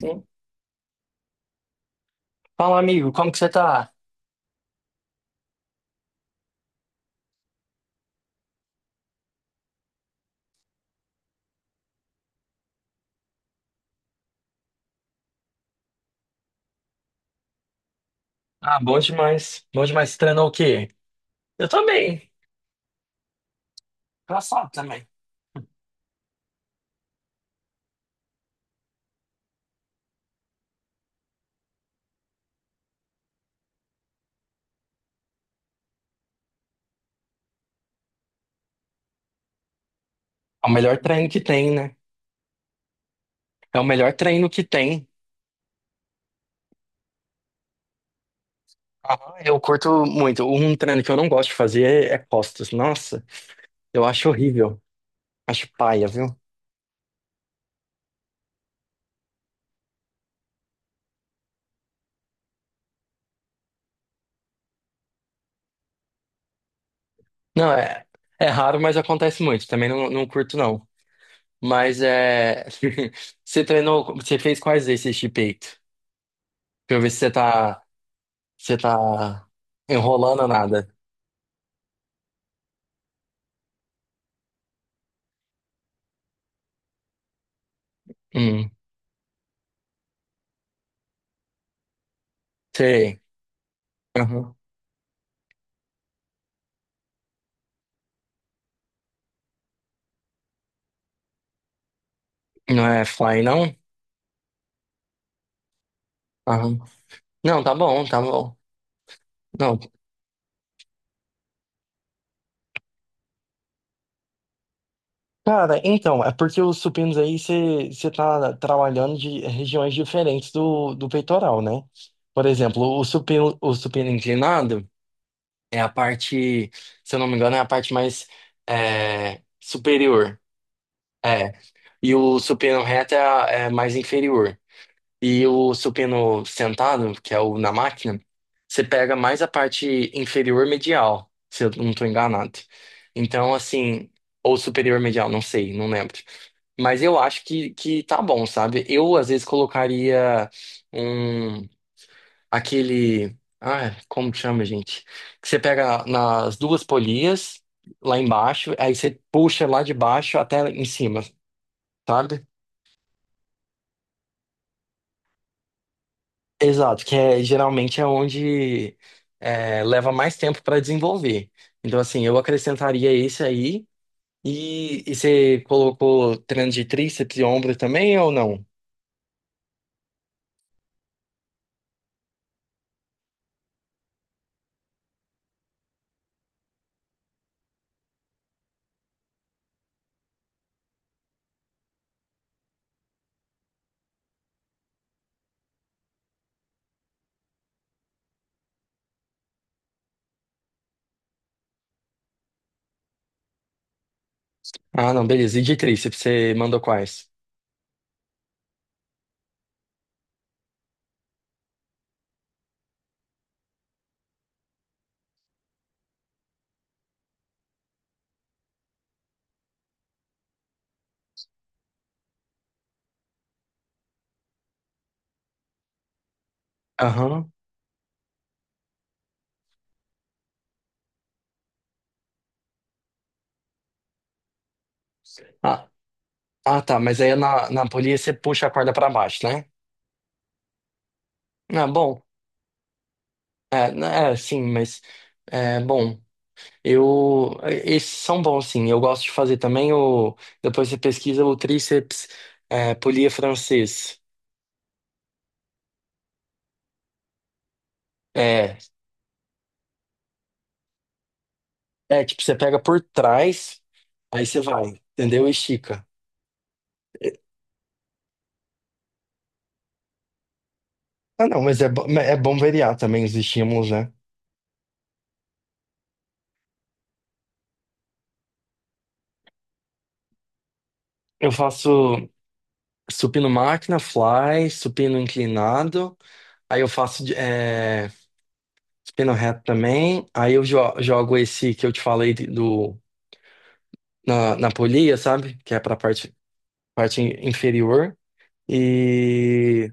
Sim. Fala, amigo, como que você tá? Ah, bom demais. Bom demais. Você treinou o quê? Eu também bem. Engraçado também. É o melhor treino que tem, né? É o melhor treino que tem. Aham, eu curto muito. Um treino que eu não gosto de fazer é costas. Nossa, eu acho horrível. Acho paia, viu? Não, é, é raro, mas acontece muito. Também não, não curto, não. Mas é. Você treinou. Você fez quais exercícios de peito? Pra eu ver se você tá. Você tá enrolando ou nada. Hum, sei. Aham. Não é fly, não? Aham. Não, tá bom, tá bom. Não. Cara, então, é porque os supinos aí você tá trabalhando de regiões diferentes do peitoral, né? Por exemplo, o supino inclinado é a parte, se eu não me engano, é a parte mais é, superior. É. E o supino reto é, é mais inferior. E o supino sentado, que é o na máquina, você pega mais a parte inferior medial, se eu não estou enganado. Então, assim, ou superior medial, não sei, não lembro. Mas eu acho que tá bom, sabe? Eu, às vezes, colocaria um... aquele... Ah, como que chama, gente? Que você pega nas duas polias, lá embaixo, aí você puxa lá de baixo até em cima, sabe? Exato, que é, geralmente é onde é, leva mais tempo para desenvolver. Então, assim, eu acrescentaria esse aí. E você colocou treino de tríceps e ombro também ou não? Ah, não, beleza. E de tríceps, você mandou quais? Aham. Ah, ah, tá, mas aí na polia você puxa a corda para baixo, né? Ah, bom. É, né, é sim, mas é bom. Eu, esses são bons, sim. Eu gosto de fazer também o. Depois você pesquisa o tríceps é, polia francês. É, é tipo, você pega por trás, aí você vai, entendeu? Estica. É, ah, não, mas é, é bom variar também os estímulos, né? Eu faço supino máquina, fly, supino inclinado, aí eu faço é, supino reto também, aí eu jogo esse que eu te falei do, na polia, sabe? Que é pra parte, parte inferior. E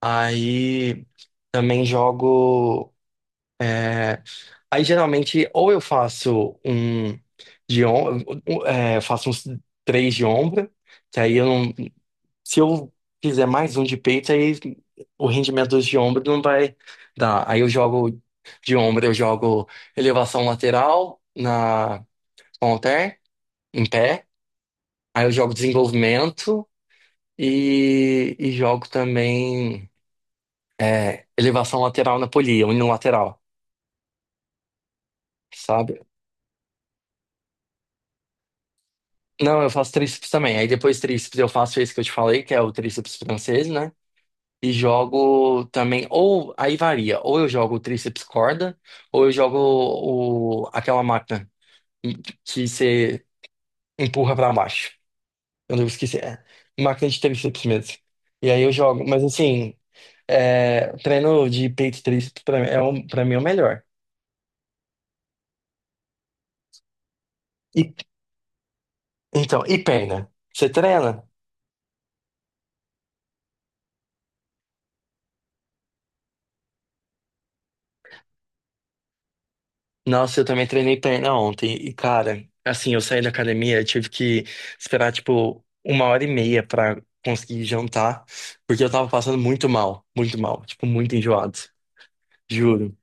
aí também jogo. É, aí geralmente ou eu faço um de om... é, eu faço uns três de ombro, que aí eu não. Se eu fizer mais um de peito, aí o rendimento dos de ombro não vai dar. Aí eu jogo de ombro, eu jogo elevação lateral na com halter, em pé. Aí eu jogo desenvolvimento e jogo também. É, elevação lateral na polia, unilateral, sabe? Não, eu faço tríceps também. Aí depois tríceps eu faço esse que eu te falei, que é o tríceps francês, né? E jogo também, ou aí varia, ou eu jogo o tríceps corda, ou eu jogo o, aquela máquina que você empurra pra baixo. Eu não esqueci, é máquina de tríceps mesmo. E aí eu jogo, mas assim, é, treino de peito e tríceps pra mim é, pra mim é o melhor. E, então, e perna? Você treina? Nossa, eu também treinei perna ontem. E, cara, assim, eu saí da academia, eu tive que esperar, tipo, 1h30 pra conseguir jantar, porque eu tava passando muito mal, tipo, muito enjoado, juro.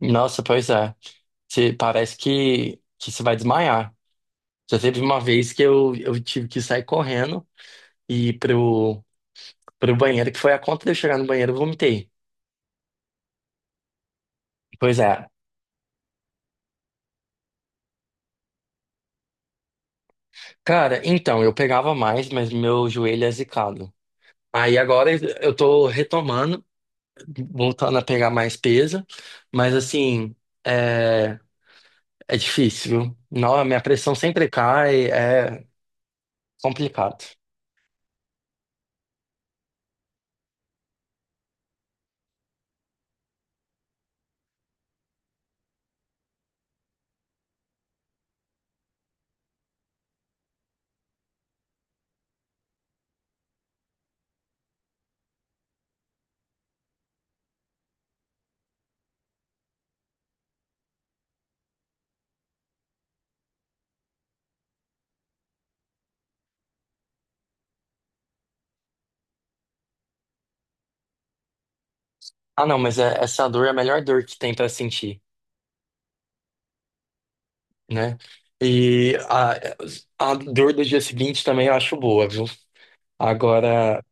Nossa, pois é. Você, parece que você vai desmaiar. Já teve uma vez que eu tive que sair correndo e ir pro, pro banheiro, que foi a conta de eu chegar no banheiro, eu vomitei. Pois é. Cara, então, eu pegava mais, mas meu joelho é zicado. Aí agora eu tô retomando, voltando a pegar mais peso, mas assim, é, é difícil, viu? Não, a minha pressão sempre cai, é complicado. Ah, não, mas essa dor é a melhor dor que tem pra sentir, né? E a dor do dia seguinte também eu acho boa, viu? Agora,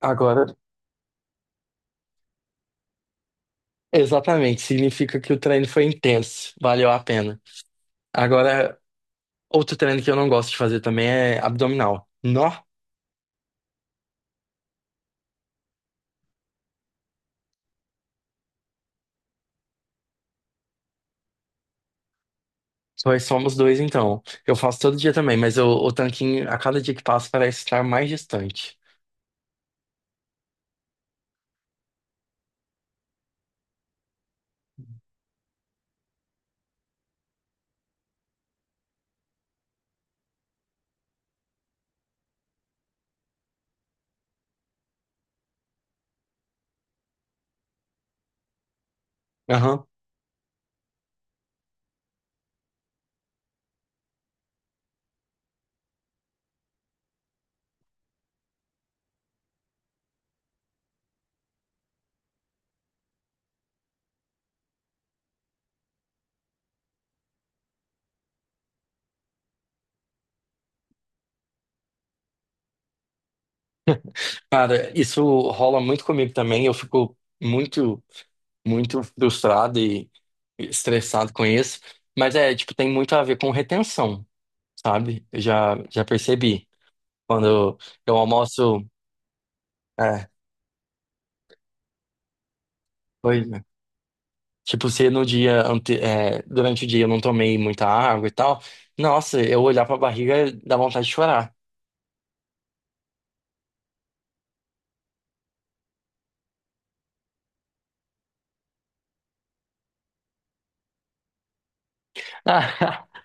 agora, exatamente, significa que o treino foi intenso, valeu a pena. Agora, outro treino que eu não gosto de fazer também é abdominal. Nó! Nós somos dois, então. Eu faço todo dia também, mas o tanquinho, a cada dia que passa, parece estar mais distante. Aham. Cara, isso rola muito comigo também. Eu fico muito, muito frustrado e estressado com isso. Mas é, tipo, tem muito a ver com retenção, sabe? Eu já percebi. Quando eu almoço, é, pois, é. Tipo, se no dia, ante, é, durante o dia eu não tomei muita água e tal, nossa, eu olhar pra barriga dá vontade de chorar.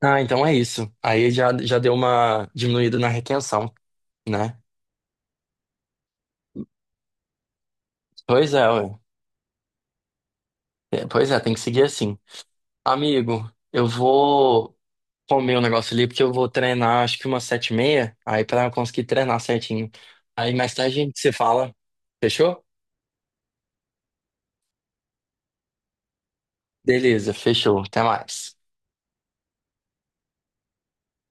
Ah, então é isso. Aí já deu uma diminuída na retenção, né? Pois é, ué. É, pois é, tem que seguir assim. Amigo, eu vou comer um negócio ali, porque eu vou treinar acho que umas 7h30, aí pra eu conseguir treinar certinho. Aí mais tarde a gente se fala. Fechou? Beleza, fechou. Até mais.